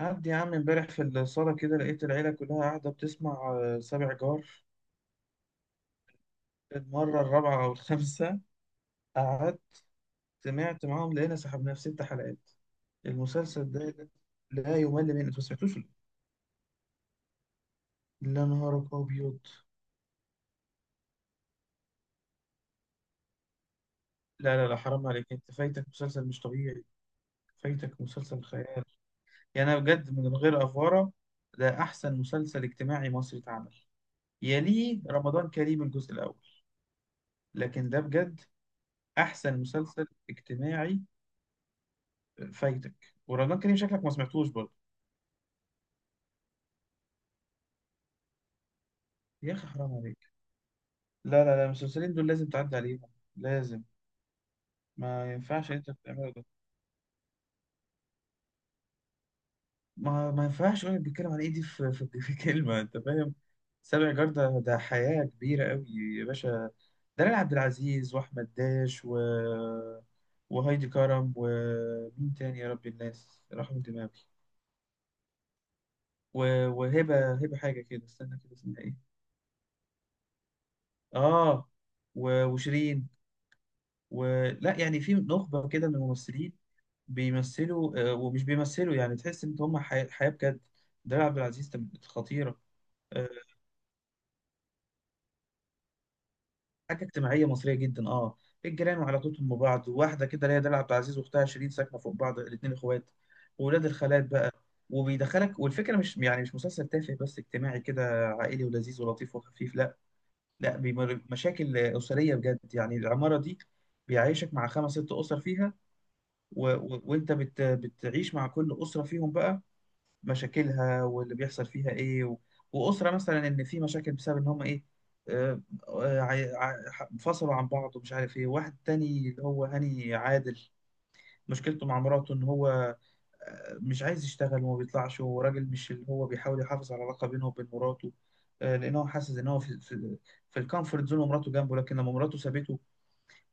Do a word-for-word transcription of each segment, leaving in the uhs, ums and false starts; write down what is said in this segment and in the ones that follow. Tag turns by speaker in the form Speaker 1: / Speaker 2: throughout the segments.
Speaker 1: قعد يا عم امبارح في الصالة كده، لقيت العيلة كلها قاعدة بتسمع آه، سابع جار. المرة الرابعة أو الخامسة قعدت سمعت معاهم، لقينا سحبنا في ست حلقات. المسلسل ده لا لا يمل منه. أنت ما سمعتوش ولا إيه؟ لا، نهارك أبيض. لا لا لا، حرام عليك، أنت فايتك مسلسل مش طبيعي، فايتك مسلسل خيال. يعني أنا بجد من غير أفورة، ده أحسن مسلسل اجتماعي مصري اتعمل، يليه رمضان كريم الجزء الأول. لكن ده بجد أحسن مسلسل اجتماعي. فايتك، ورمضان كريم شكلك ما سمعتوش برضه. يا اخي حرام عليك، لا لا لا، المسلسلين دول لازم تعدي عليهم، لازم. ما ينفعش انت تعمله ده. ما ما ينفعش يقول بيتكلم عن ايه. دي في, في, في كلمه، انت فاهم. سابع جردة ده حياه كبيره قوي يا باشا. دلال عبد العزيز واحمد داش، و وهايدي كرم، ومين تاني يا رب الناس، رحمة دماغي، و... وهبة هبة حاجة كده، استنى كده اسمها ايه. اه. و... وشيرين. ولا يعني في نخبة كده من الممثلين بيمثلوا، آه، ومش بيمثلوا، يعني تحس إن هم حي- حياة بجد. دلال عبد العزيز كانت خطيرة. آه، حاجة اجتماعية مصرية جدا اه الجيران وعلاقتهم ببعض، واحدة كده اللي هي دلال عبد العزيز وأختها شيرين ساكنة فوق بعض، الاتنين إخوات وولاد الخالات بقى. وبيدخلك، والفكرة مش يعني مش مسلسل تافه، بس اجتماعي كده عائلي ولذيذ ولطيف وخفيف. لا، لا بيمر- مشاكل أسرية بجد. يعني العمارة دي بيعيشك مع خمس ست أسر فيها. و... و... وانت بت... بتعيش مع كل اسره فيهم بقى مشاكلها، واللي بيحصل فيها ايه، و... واسره مثلا ان في مشاكل بسبب ان هم ايه. آه، آه، ع- ع- انفصلوا عن بعض، ومش عارف ايه. واحد تاني اللي هو هاني عادل، مشكلته مع مراته ان هو آه، مش عايز يشتغل وما بيطلعش، وراجل مش اللي هو بيحاول يحافظ على العلاقه بينه وبين مراته. آه، لان هو حاسس ان هو في في, في الكومفورت زون ومراته جنبه. لكن لما مراته سابته،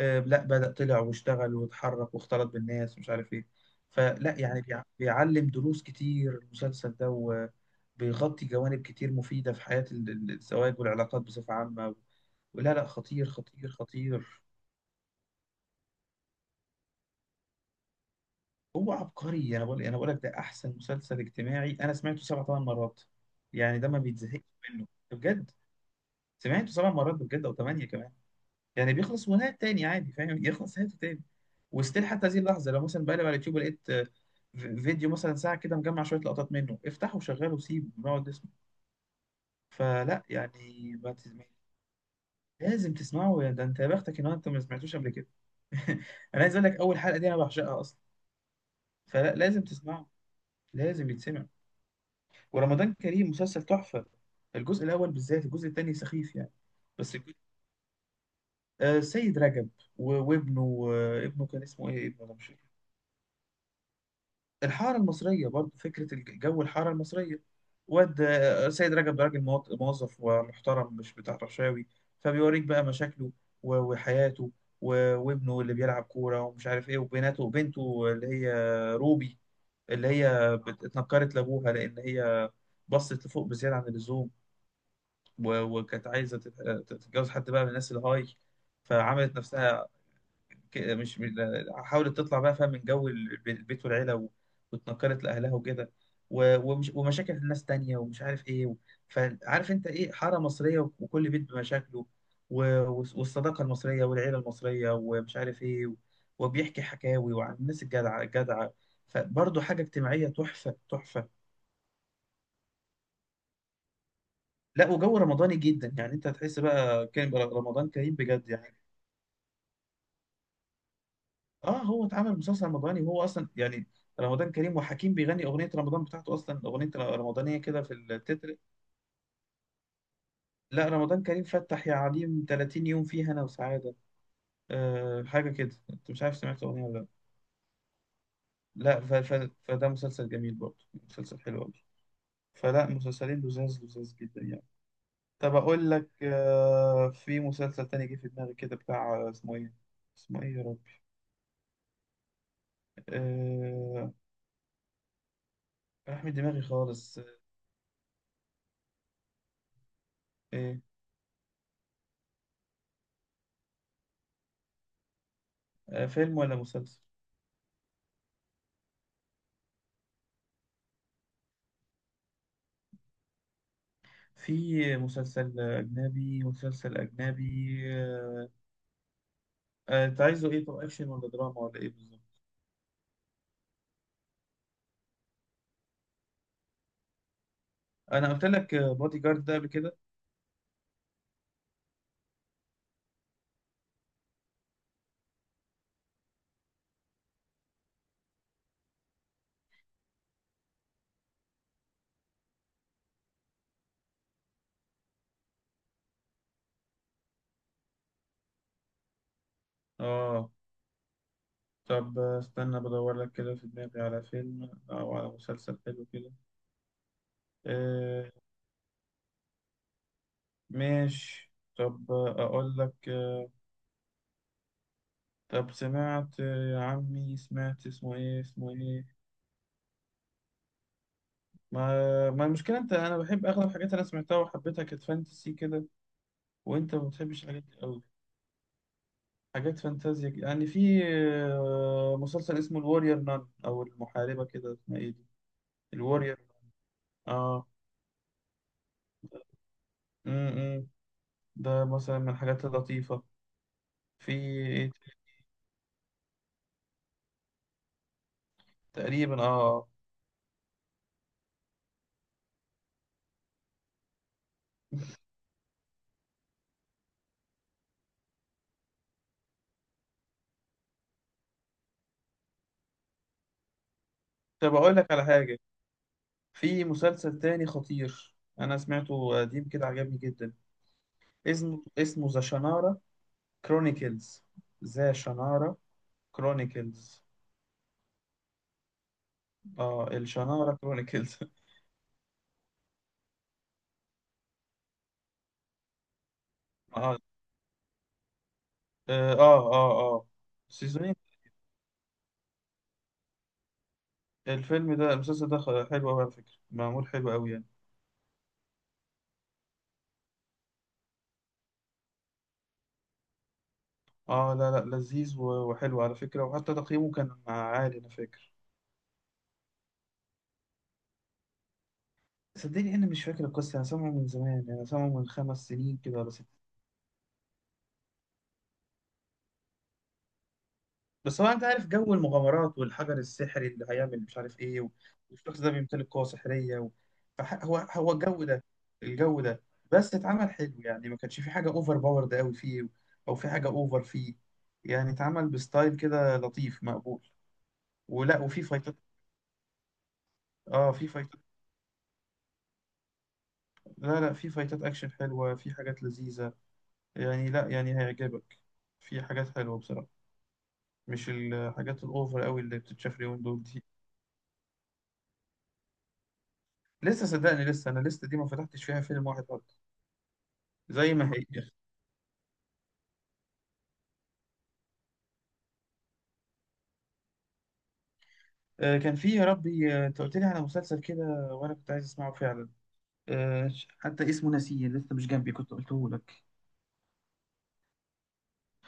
Speaker 1: آه، لا بدأ طلع واشتغل واتحرك واختلط بالناس، ومش عارف ايه. فلا يعني بيع- بيعلم دروس كتير المسلسل ده، وبيغطي جوانب كتير مفيدة في حياة ال- ال- الزواج والعلاقات بصفة عامة. ولا لا، خطير خطير خطير. هو عبقري. انا بقول انا بقول لك ده احسن مسلسل اجتماعي، انا سمعته سبع ثمان مرات. يعني ده ما بيتزهقش منه بجد، سمعته سبع مرات بجد او ثمانية كمان. يعني بيخلص ونهاية، تاني عادي فاهم، يخلص نهايته تاني. وستيل حتى هذه اللحظة لو مثلا بقلب على اليوتيوب لقيت آه، في- فيديو مثلا ساعة كده مجمع شوية لقطات منه، افتحه وشغله وسيبه ونقعد نسمع. فلا يعني ما تسمع. لازم تسمعه يا ده، انت يا بختك ان هو انت ما سمعتوش قبل كده. انا عايز اقول لك، اول حلقة دي انا بعشقها اصلا. فلا لازم تسمعه، لازم يتسمع. ورمضان كريم مسلسل تحفة، الجزء الاول بالذات، الجزء الثاني سخيف يعني. بس الجزء- آه، سيد رجب و- وابنه. آه، ابنه كان اسمه ايه؟ ابنه ده مش الحارة المصرية برضو، فكرة الج- جو الحارة المصرية. واد سيد رجب ده راجل مواط- موظف ومحترم، مش بتاع رشاوي، فبيوريك بقى مشاكله و- وحياته و- وابنه اللي بيلعب كورة ومش عارف ايه، وبناته، وبنته اللي هي روبي اللي هي بت- اتنكرت لأبوها، لأن هي بصت لفوق بزيادة عن اللزوم، و- وكانت عايزة تت- تتجوز حد بقى من الناس الهاي. فعملت نفسها كده، مش من- حاولت تطلع بقى فاهم من جو الب- البيت والعيلة، و- واتنقلت لأهلها وكده، و- ومش ومشاكل الناس تانية، ومش عارف إيه و- فعارف أنت إيه حارة مصرية، و- وكل بيت بمشاكله، و- والص- والصداقة المصرية والعيلة المصرية، ومش عارف إيه و- وبيحكي حكاوي وعن الناس الجدعة الجدعة. فبرضه حاجة اجتماعية تحفة تحفة. لا، وجو رمضاني جدا يعني، أنت هتحس بقى كان رمضان كريم بجد يعني. اه، هو اتعمل مسلسل رمضاني، وهو اصلا يعني رمضان كريم، وحكيم بيغني اغنيه رمضان بتاعته، اصلا اغنيه رمضانيه كده في التتر. لا، رمضان كريم فتح يا عليم، ثلاثين يوم فيها انا وسعاده. آه، حاجه كده، انت مش عارف سمعت الاغنيه ولا لا. لا، ف... ف... فده مسلسل جميل برضه، مسلسل حلو قوي. فلا مسلسلين لذاذ لذاذ جدا يعني. طب اقول لك، آه في مسلسل تاني جه في دماغي كده بتاع، آه، اسمه ايه؟ اسمه ايه يا ربي؟ آه راح من دماغي خالص. آه، ايه؟ آه فيلم ولا مسلسل؟ في مسلسل أجنبي، مسلسل أجنبي. آه، آه، أنت عايزه إيه؟ طب أكشن ولا دراما ولا إيه بالظبط؟ أنا قلت لك بودي جارد ده قبل كده؟ آه طب، آه، استنى بدور لك كده في دماغي على فيلم أو على مسلسل حلو كده. آه ماشي. طب، آه، أقول لك، آه، طب سمعت، آه، يا عمي، سمعت اسمه إيه؟ اسمه إيه؟ ما ما المشكلة، أنت أنا بحب أغلب الحاجات اللي أنا سمعتها وحبيتها، كانت فانتسي كده، وأنت ما بتحبش الحاجات دي أوي. حاجات فانتازيا كده. يعني في آه، مسلسل اسمه الوارير نان او المحاربه، كده اسمها ايه دي؟ الوارير اه امم إمم. ده مثلا من الحاجات اللطيفه. في إيه؟ تقريبا اه آه. طب اقول لك على حاجه، في مسلسل تاني خطير انا سمعته قديم كده عجبني جدا. اسمه اسمه ذا شنارة كرونيكلز، ذا شنارة كرونيكلز. اه، الشنارة كرونيكلز. اه اه اه اه آه, الفيلم ده، المسلسل ده خ- حلو أوي على فكرة، معمول حلو أوي يعني. اه لا لا، لذيذ و- وحلو على فكرة، وحتى تقييمه كان عالي أنا فاكر. صدقني أنا مش فاكر القصة، أنا سامعه من زمان، أنا سامعه من خمس سنين كده ولا ست. بس هو أنت عارف جو المغامرات والحجر السحري اللي هيعمل مش عارف إيه، و- والشخص ده بيمتلك قوة سحرية، و... فح- هو هو الجو ده، الجو ده. بس اتعمل حلو يعني، ما كانش في حاجة أوفر باورد أوي فيه، أو في حاجة أوفر فيه. يعني اتعمل بستايل كده لطيف مقبول، ولا وفي فايتات. اه في فايتات. لا لا، في فايتات اكشن حلوة، في حاجات لذيذة، يعني لا يعني هيعجبك، في حاجات حلوة بصراحة. مش الحاجات الاوفر قوي اللي بتتشاف اليومين دول دي. لسه. صدقني لسه، انا لسه دي ما فتحتش فيها فيلم واحد برضه، زي ما هي. آه كان في يا ربي، آه، انت قلت لي على مسلسل كده، وانا كنت عايز اسمعه فعلا. آه حتى اسمه ناسيه، لسه مش جنبي كنت قلته لك.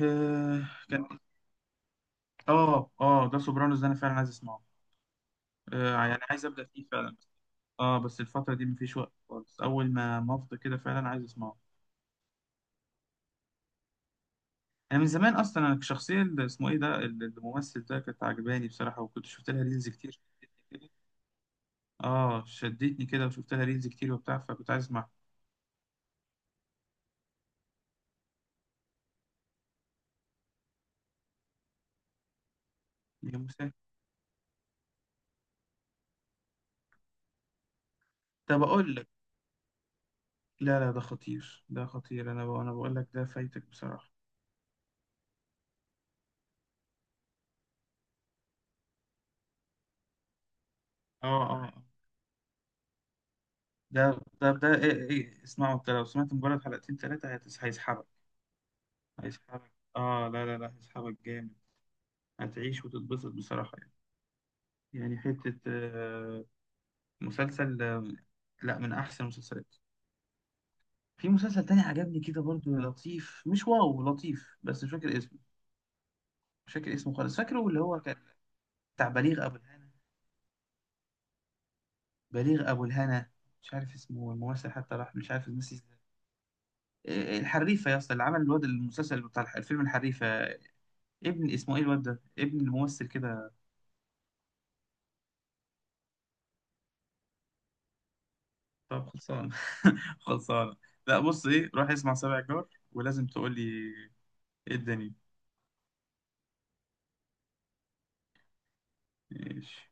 Speaker 1: آه كان اه اه ده سوبرانوس، ده انا فعلا عايز اسمعه. آه يعني عايز ابدا فيه فعلا. اه بس الفترة دي مفيش وقت خالص، أول ما ما أفضى كده فعلا عايز أسمعه. أنا من زمان أصلا، أنا الشخصية اللي اسمه إيه ده ال- الممثل ده كانت عجباني بصراحة، وكنت شفت لها ريلز كتير كده، اه شدتني كده، وشفت لها ريلز كتير وبتاع، فكنت عايز أسمعها. يا موسى، طب أقول لك، لا لا ده خطير، ده خطير، أنا بقول أنا بقول لك ده فايتك بصراحة. اه اه آه. ده ده ده إيه إيه اسمعه، أنت لو سمعت مجرد حلقتين تلاتة هتس- هيسحبك، هيسحبك. اه لا لا لا، هيسحبك جامد، هتعيش وتتبسط بصراحة يعني. يعني حتة، آه، مسلسل، آم، لا من احسن المسلسلات. في مسلسل تاني عجبني كده برضو، لطيف مش واو لطيف، بس مش فاكر اسمه، مش فاكر اسمه خالص. فاكره اللي هو كان بتاع بليغ ابو الهنا، بليغ ابو الهنا. مش عارف اسمه الممثل، حتى راح، مش عارف ناسي اسمه. إيه، إيه، الحريفه يا اسطى، اللي عمل الواد المسلسل بتاع الح- الفيلم الحريفه، ابن اسمه ايه الواد ده، ابن الممثل كده. طب خلصان. خلصان. لا بص ايه، روح اسمع سبع جار ولازم تقول لي ايه الدنيا. ماشي.